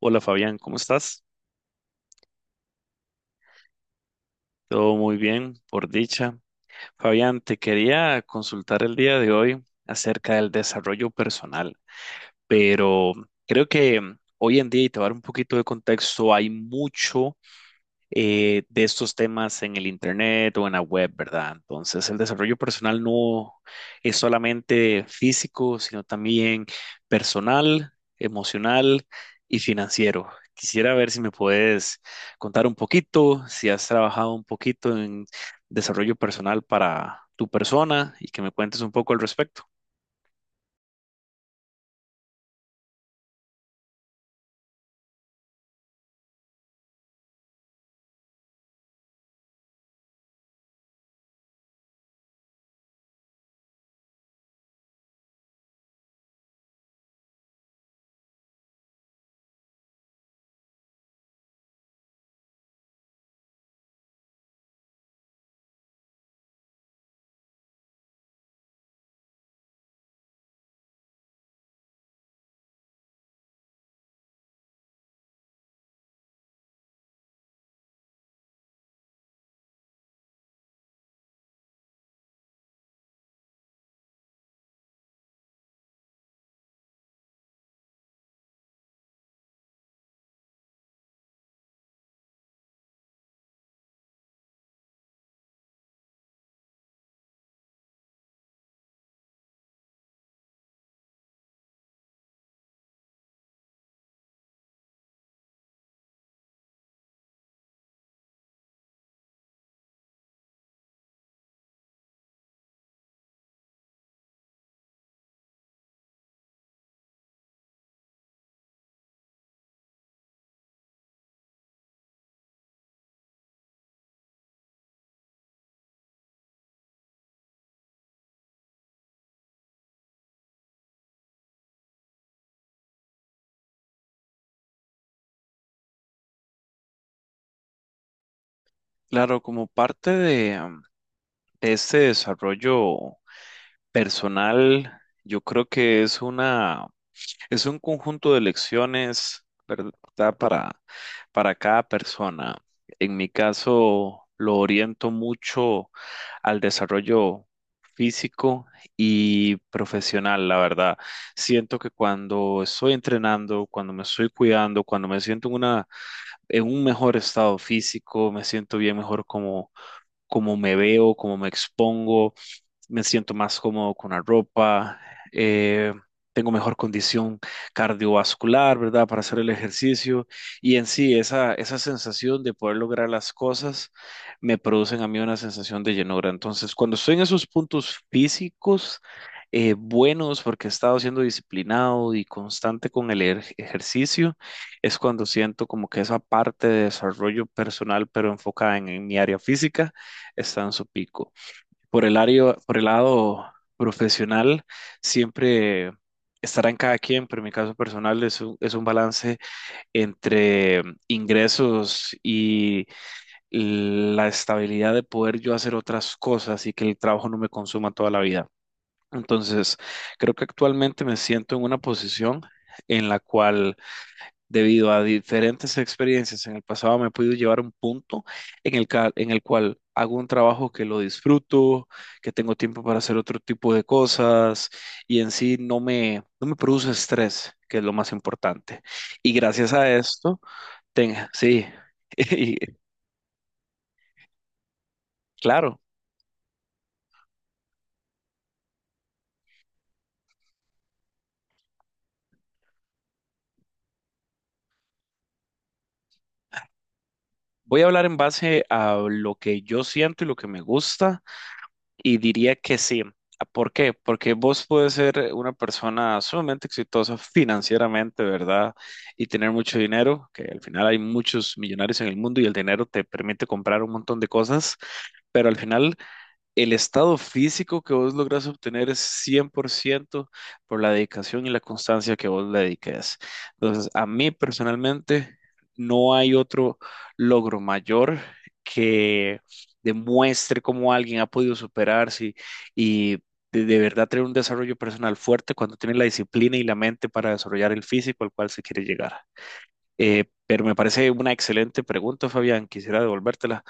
Hola Fabián, ¿cómo estás? Todo muy bien, por dicha. Fabián, te quería consultar el día de hoy acerca del desarrollo personal, pero creo que hoy en día, y te voy a dar un poquito de contexto, hay mucho de estos temas en el internet o en la web, ¿verdad? Entonces, el desarrollo personal no es solamente físico, sino también personal, emocional y financiero. Quisiera ver si me puedes contar un poquito, si has trabajado un poquito en desarrollo personal para tu persona y que me cuentes un poco al respecto. Claro, como parte de este desarrollo personal, yo creo que es un conjunto de lecciones, ¿verdad? Para, para cada persona. En mi caso, lo oriento mucho al desarrollo físico y profesional, la verdad. Siento que cuando estoy entrenando, cuando me estoy cuidando, cuando me siento en un mejor estado físico, me siento bien mejor como me veo, como me expongo, me siento más cómodo con la ropa, eh, tengo mejor condición cardiovascular, ¿verdad? Para hacer el ejercicio y en sí esa sensación de poder lograr las cosas me producen a mí una sensación de llenura. Entonces, cuando estoy en esos puntos físicos buenos porque he estado siendo disciplinado y constante con el ejercicio, es cuando siento como que esa parte de desarrollo personal, pero enfocada en mi área física, está en su pico por el lado profesional, siempre estará en cada quien, pero en mi caso personal es un balance entre ingresos y la estabilidad de poder yo hacer otras cosas y que el trabajo no me consuma toda la vida. Entonces, creo que actualmente me siento en una posición en la cual Debido a diferentes experiencias en el pasado, me he podido llevar a un punto en el cual hago un trabajo que lo disfruto, que tengo tiempo para hacer otro tipo de cosas y en sí no me produce estrés, que es lo más importante. Y gracias a esto, tenga, sí, y claro, voy a hablar en base a lo que yo siento y lo que me gusta. Y diría que sí. ¿Por qué? Porque vos puedes ser una persona sumamente exitosa financieramente, ¿verdad? Y tener mucho dinero, que al final hay muchos millonarios en el mundo y el dinero te permite comprar un montón de cosas, pero al final el estado físico que vos lográs obtener es 100% por ciento por la dedicación y la constancia que vos le dediques. Entonces, a mí personalmente no hay otro logro mayor que demuestre cómo alguien ha podido superarse y de verdad tener un desarrollo personal fuerte cuando tiene la disciplina y la mente para desarrollar el físico al cual se quiere llegar. Pero me parece una excelente pregunta, Fabián. Quisiera devolvértela.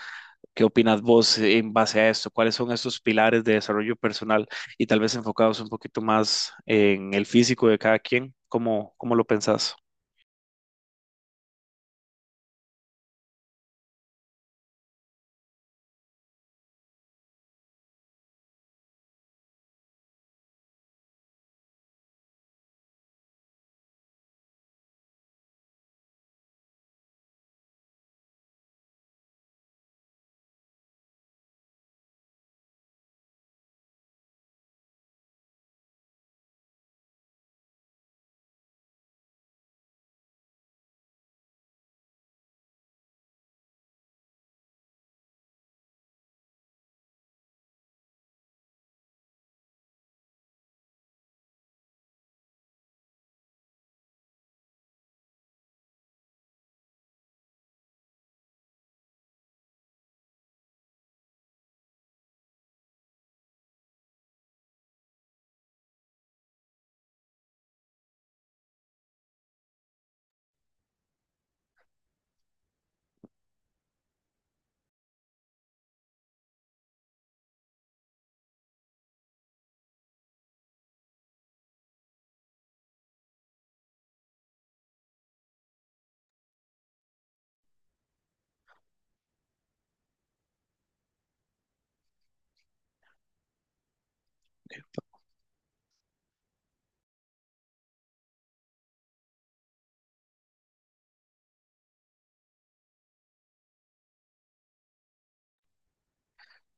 ¿Qué opinas vos en base a esto? ¿Cuáles son esos pilares de desarrollo personal y tal vez enfocados un poquito más en el físico de cada quien? ¿Cómo lo pensás?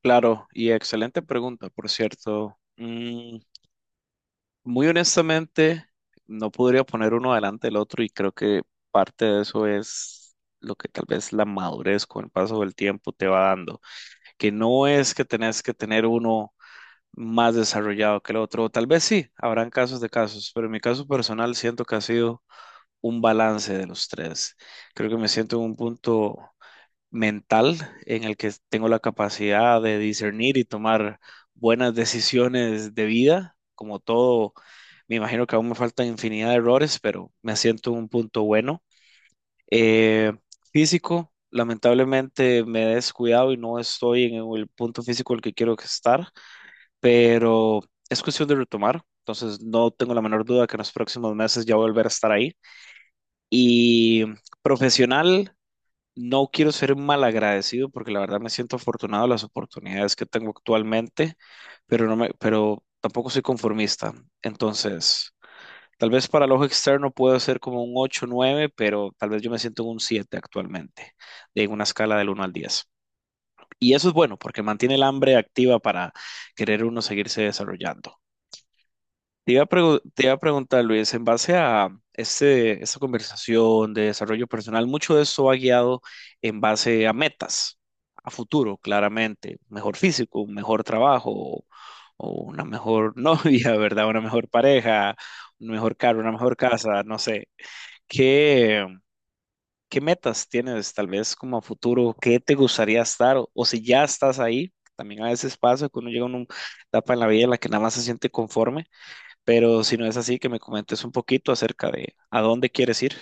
Claro, y excelente pregunta, por cierto. Muy honestamente, no podría poner uno delante del otro y creo que parte de eso es lo que tal vez la madurez con el paso del tiempo te va dando, que no es que tenés que tener uno más desarrollado que el otro. Tal vez sí, habrán casos de casos, pero en mi caso personal siento que ha sido un balance de los tres. Creo que me siento en un punto mental en el que tengo la capacidad de discernir y tomar buenas decisiones de vida. Como todo, me imagino que aún me faltan infinidad de errores, pero me siento en un punto bueno. Eh, físico, lamentablemente me he descuidado y no estoy en el punto físico al que quiero estar, pero es cuestión de retomar. Entonces, no tengo la menor duda que en los próximos meses ya voy a volver a estar ahí. Y profesional, no quiero ser mal agradecido porque la verdad me siento afortunado de las oportunidades que tengo actualmente, pero tampoco soy conformista. Entonces, tal vez para el ojo externo puedo ser como un 8, nueve, pero tal vez yo me siento en un 7 actualmente, de una escala del uno al diez. Y eso es bueno porque mantiene el hambre activa para querer uno seguirse desarrollando. Te iba a preguntar, Luis, en base a esta conversación de desarrollo personal, mucho de eso va guiado en base a metas, a futuro, claramente, mejor físico, un mejor trabajo, o una mejor novia, ¿verdad? Una mejor pareja, un mejor carro, una mejor casa, no sé. ¿Qué, qué metas tienes tal vez como a futuro? ¿Qué te gustaría estar? O si ya estás ahí, también a veces pasa que uno llega a una etapa en la vida en la que nada más se siente conforme, pero si no es así, que me comentes un poquito acerca de a dónde quieres ir.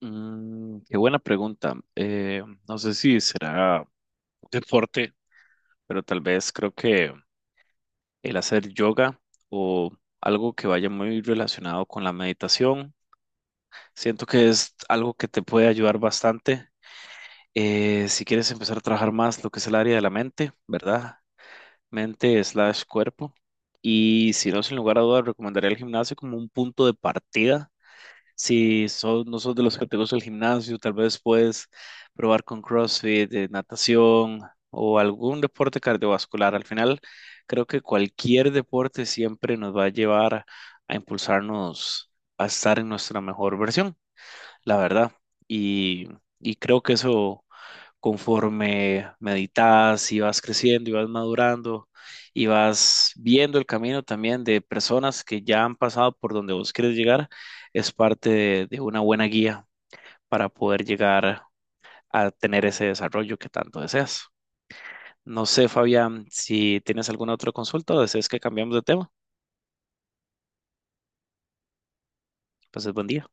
Mm, qué buena pregunta. No sé si será deporte, pero tal vez creo que el hacer yoga o algo que vaya muy relacionado con la meditación, siento que es algo que te puede ayudar bastante. Si quieres empezar a trabajar más lo que es el área de la mente, ¿verdad? Mente slash cuerpo. Y si no, sin lugar a dudas, recomendaría el gimnasio como un punto de partida. No sos de los que te gusta el gimnasio, tal vez puedes probar con CrossFit, natación o algún deporte cardiovascular. Al final, creo que cualquier deporte siempre nos va a llevar a impulsarnos a estar en nuestra mejor versión, la verdad. Y, y creo que eso conforme meditas y vas creciendo y vas madurando y vas viendo el camino también de personas que ya han pasado por donde vos quieres llegar, es parte de una buena guía para poder llegar a tener ese desarrollo que tanto deseas. No sé, Fabián, si tienes alguna otra consulta o deseas que cambiemos de tema. Pues buen día.